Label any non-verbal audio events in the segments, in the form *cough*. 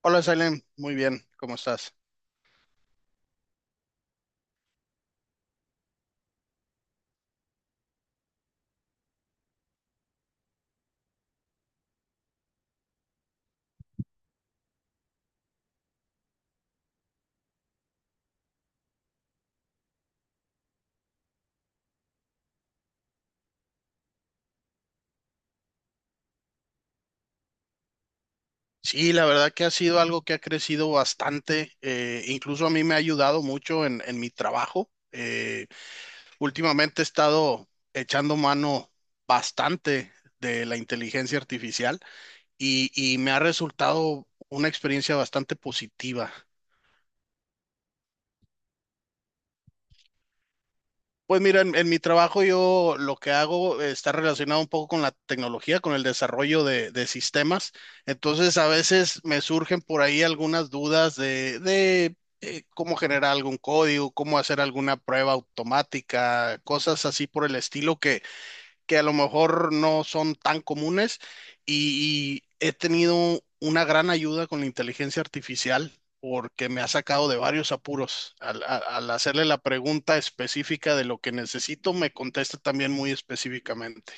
Hola, Salem. Muy bien, ¿cómo estás? Sí, la verdad que ha sido algo que ha crecido bastante. Incluso a mí me ha ayudado mucho en mi trabajo. Últimamente he estado echando mano bastante de la inteligencia artificial y, me ha resultado una experiencia bastante positiva. Pues mira, en mi trabajo yo lo que hago está relacionado un poco con la tecnología, con el desarrollo de sistemas. Entonces a veces me surgen por ahí algunas dudas de. ¿Cómo generar algún código, cómo hacer alguna prueba automática, cosas así por el estilo que, a lo mejor no son tan comunes? Y, he tenido una gran ayuda con la inteligencia artificial porque me ha sacado de varios apuros. Al hacerle la pregunta específica de lo que necesito, me contesta también muy específicamente.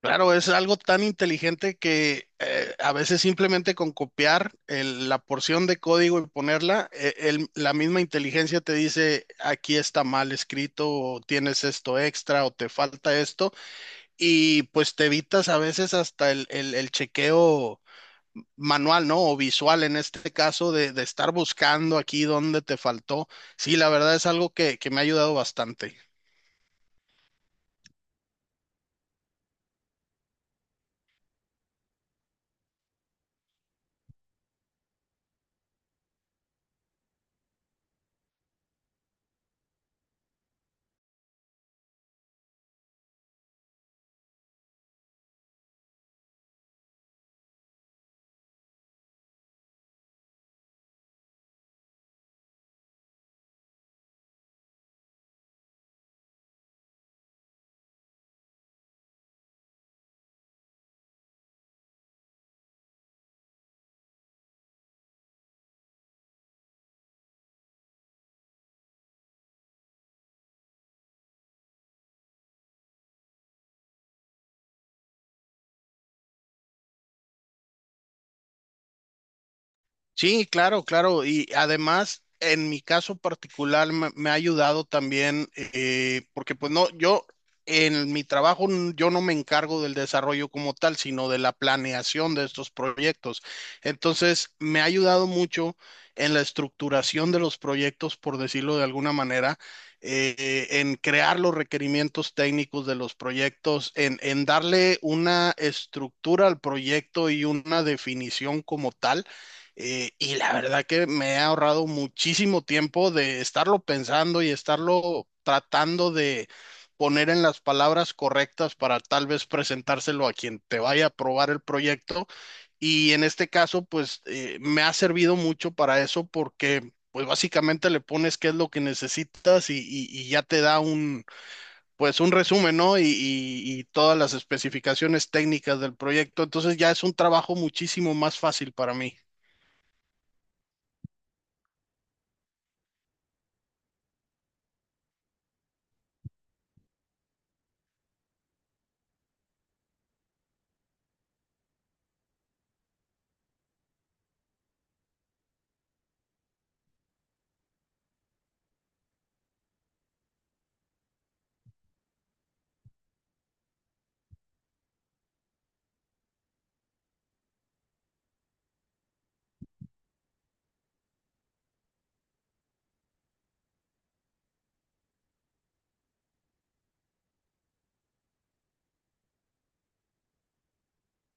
Claro, es algo tan inteligente que a veces simplemente con copiar la porción de código y ponerla, la misma inteligencia te dice, aquí está mal escrito, o tienes esto extra, o te falta esto, y pues te evitas a veces hasta el chequeo manual, ¿no? O visual en este caso de estar buscando aquí dónde te faltó. Sí, la verdad es algo que, me ha ayudado bastante. Sí, claro, claro. Y además, en mi caso particular, me ha ayudado también, porque pues no, yo en mi trabajo, yo no me encargo del desarrollo como tal, sino de la planeación de estos proyectos. Entonces, me ha ayudado mucho en la estructuración de los proyectos, por decirlo de alguna manera, en crear los requerimientos técnicos de los proyectos, en darle una estructura al proyecto y una definición como tal, y la verdad que me he ahorrado muchísimo tiempo de estarlo pensando y estarlo tratando de poner en las palabras correctas para tal vez presentárselo a quien te vaya a probar el proyecto. Y en este caso, pues me ha servido mucho para eso porque pues básicamente le pones qué es lo que necesitas y, y ya te da un, pues un resumen, ¿no? Y, y todas las especificaciones técnicas del proyecto. Entonces ya es un trabajo muchísimo más fácil para mí.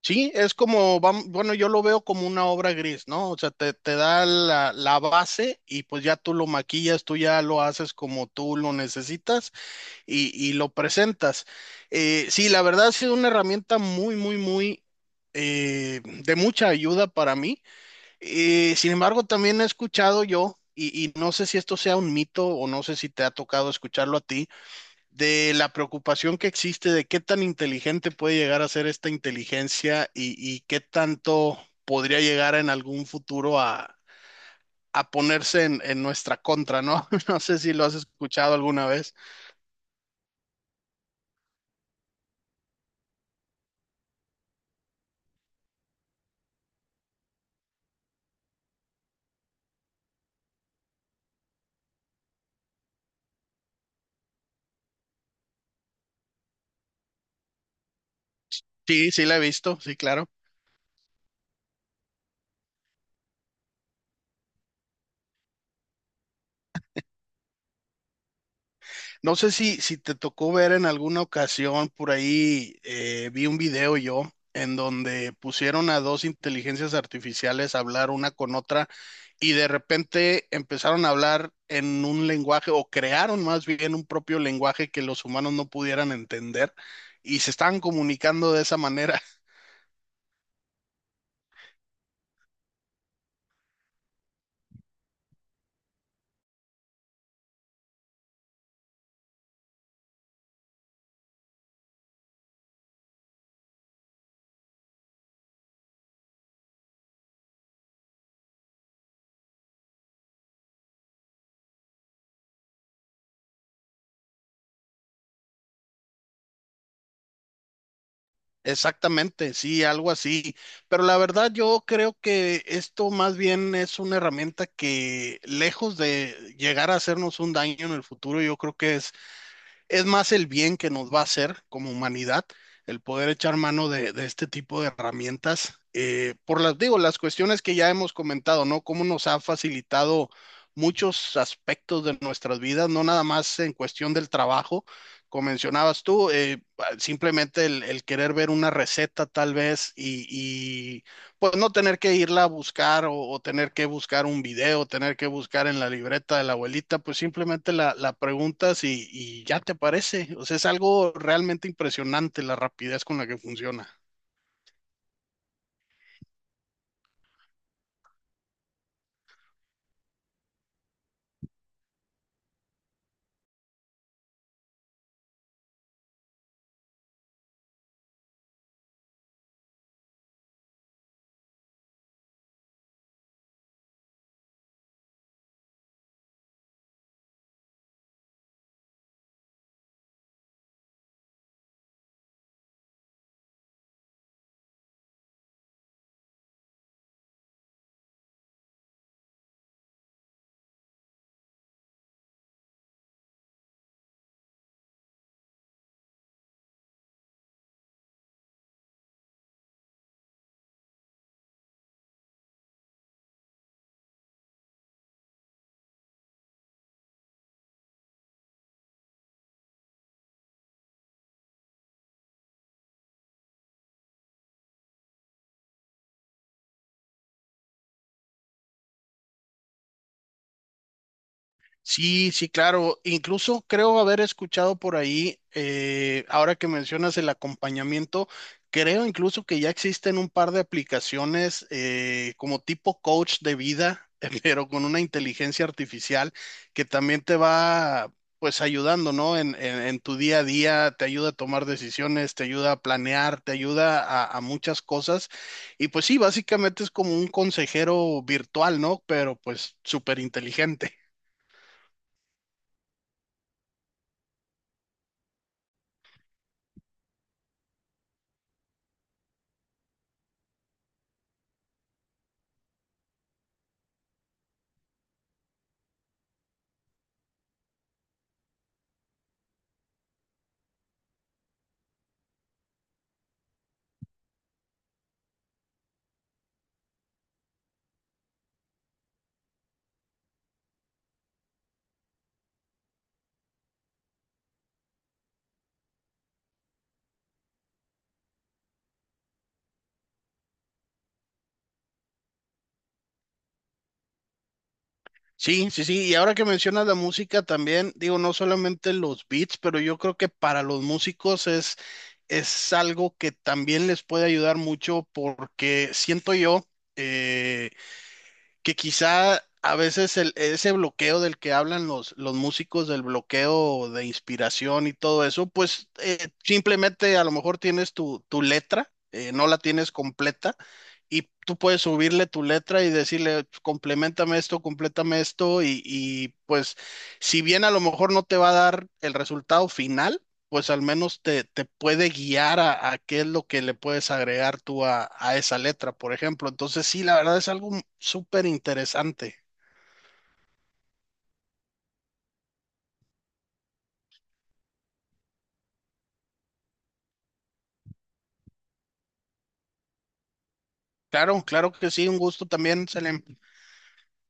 Sí, es como, bueno, yo lo veo como una obra gris, ¿no? O sea, te, da la base y pues ya tú lo maquillas, tú ya lo haces como tú lo necesitas y, lo presentas. Sí, la verdad ha sido una herramienta muy, muy, muy de mucha ayuda para mí. Sin embargo, también he escuchado yo, y, no sé si esto sea un mito o no sé si te ha tocado escucharlo a ti de la preocupación que existe de qué tan inteligente puede llegar a ser esta inteligencia y, qué tanto podría llegar en algún futuro a, ponerse en nuestra contra, ¿no? *laughs* No sé si lo has escuchado alguna vez. Sí, sí la he visto, sí, claro. No sé si, te tocó ver en alguna ocasión por ahí, vi un video yo en donde pusieron a dos inteligencias artificiales a hablar una con otra y de repente empezaron a hablar en un lenguaje o crearon más bien un propio lenguaje que los humanos no pudieran entender y se estaban comunicando de esa manera. Exactamente, sí, algo así. Pero la verdad yo creo que esto más bien es una herramienta que lejos de llegar a hacernos un daño en el futuro, yo creo que es más el bien que nos va a hacer como humanidad el poder echar mano de este tipo de herramientas. Por las, digo, las cuestiones que ya hemos comentado, ¿no? Cómo nos ha facilitado muchos aspectos de nuestras vidas, no nada más en cuestión del trabajo, como mencionabas tú, simplemente el querer ver una receta tal vez y pues no tener que irla a buscar o, tener que buscar un video, tener que buscar en la libreta de la abuelita, pues simplemente la preguntas y, ya te aparece. O sea, es algo realmente impresionante la rapidez con la que funciona. Sí, sí, claro. Incluso creo haber escuchado por ahí, ahora que mencionas el acompañamiento, creo incluso que ya existen un par de aplicaciones como tipo coach de vida, *laughs* pero con una inteligencia artificial que también te va pues ayudando, ¿no? En, en tu día a día, te ayuda a tomar decisiones, te ayuda a planear, te ayuda a, muchas cosas. Y pues sí, básicamente es como un consejero virtual, ¿no? Pero pues súper inteligente. Sí, sí, sí, y ahora que mencionas la música también, digo, no solamente los beats, pero yo creo que para los músicos es, algo que también les puede ayudar mucho porque siento yo eh, que quizá a veces ese bloqueo del que hablan los, músicos, del bloqueo de inspiración y todo eso, pues simplemente a lo mejor tienes tu, letra, no la tienes completa, y tú puedes subirle tu letra y decirle, "Pues, complementame esto, complétame esto", y, pues si bien a lo mejor no te va a dar el resultado final, pues al menos te, puede guiar a, qué es lo que le puedes agregar tú a, esa letra, por ejemplo. Entonces, sí, la verdad es algo súper interesante. Claro, claro que sí, un gusto también, Selem.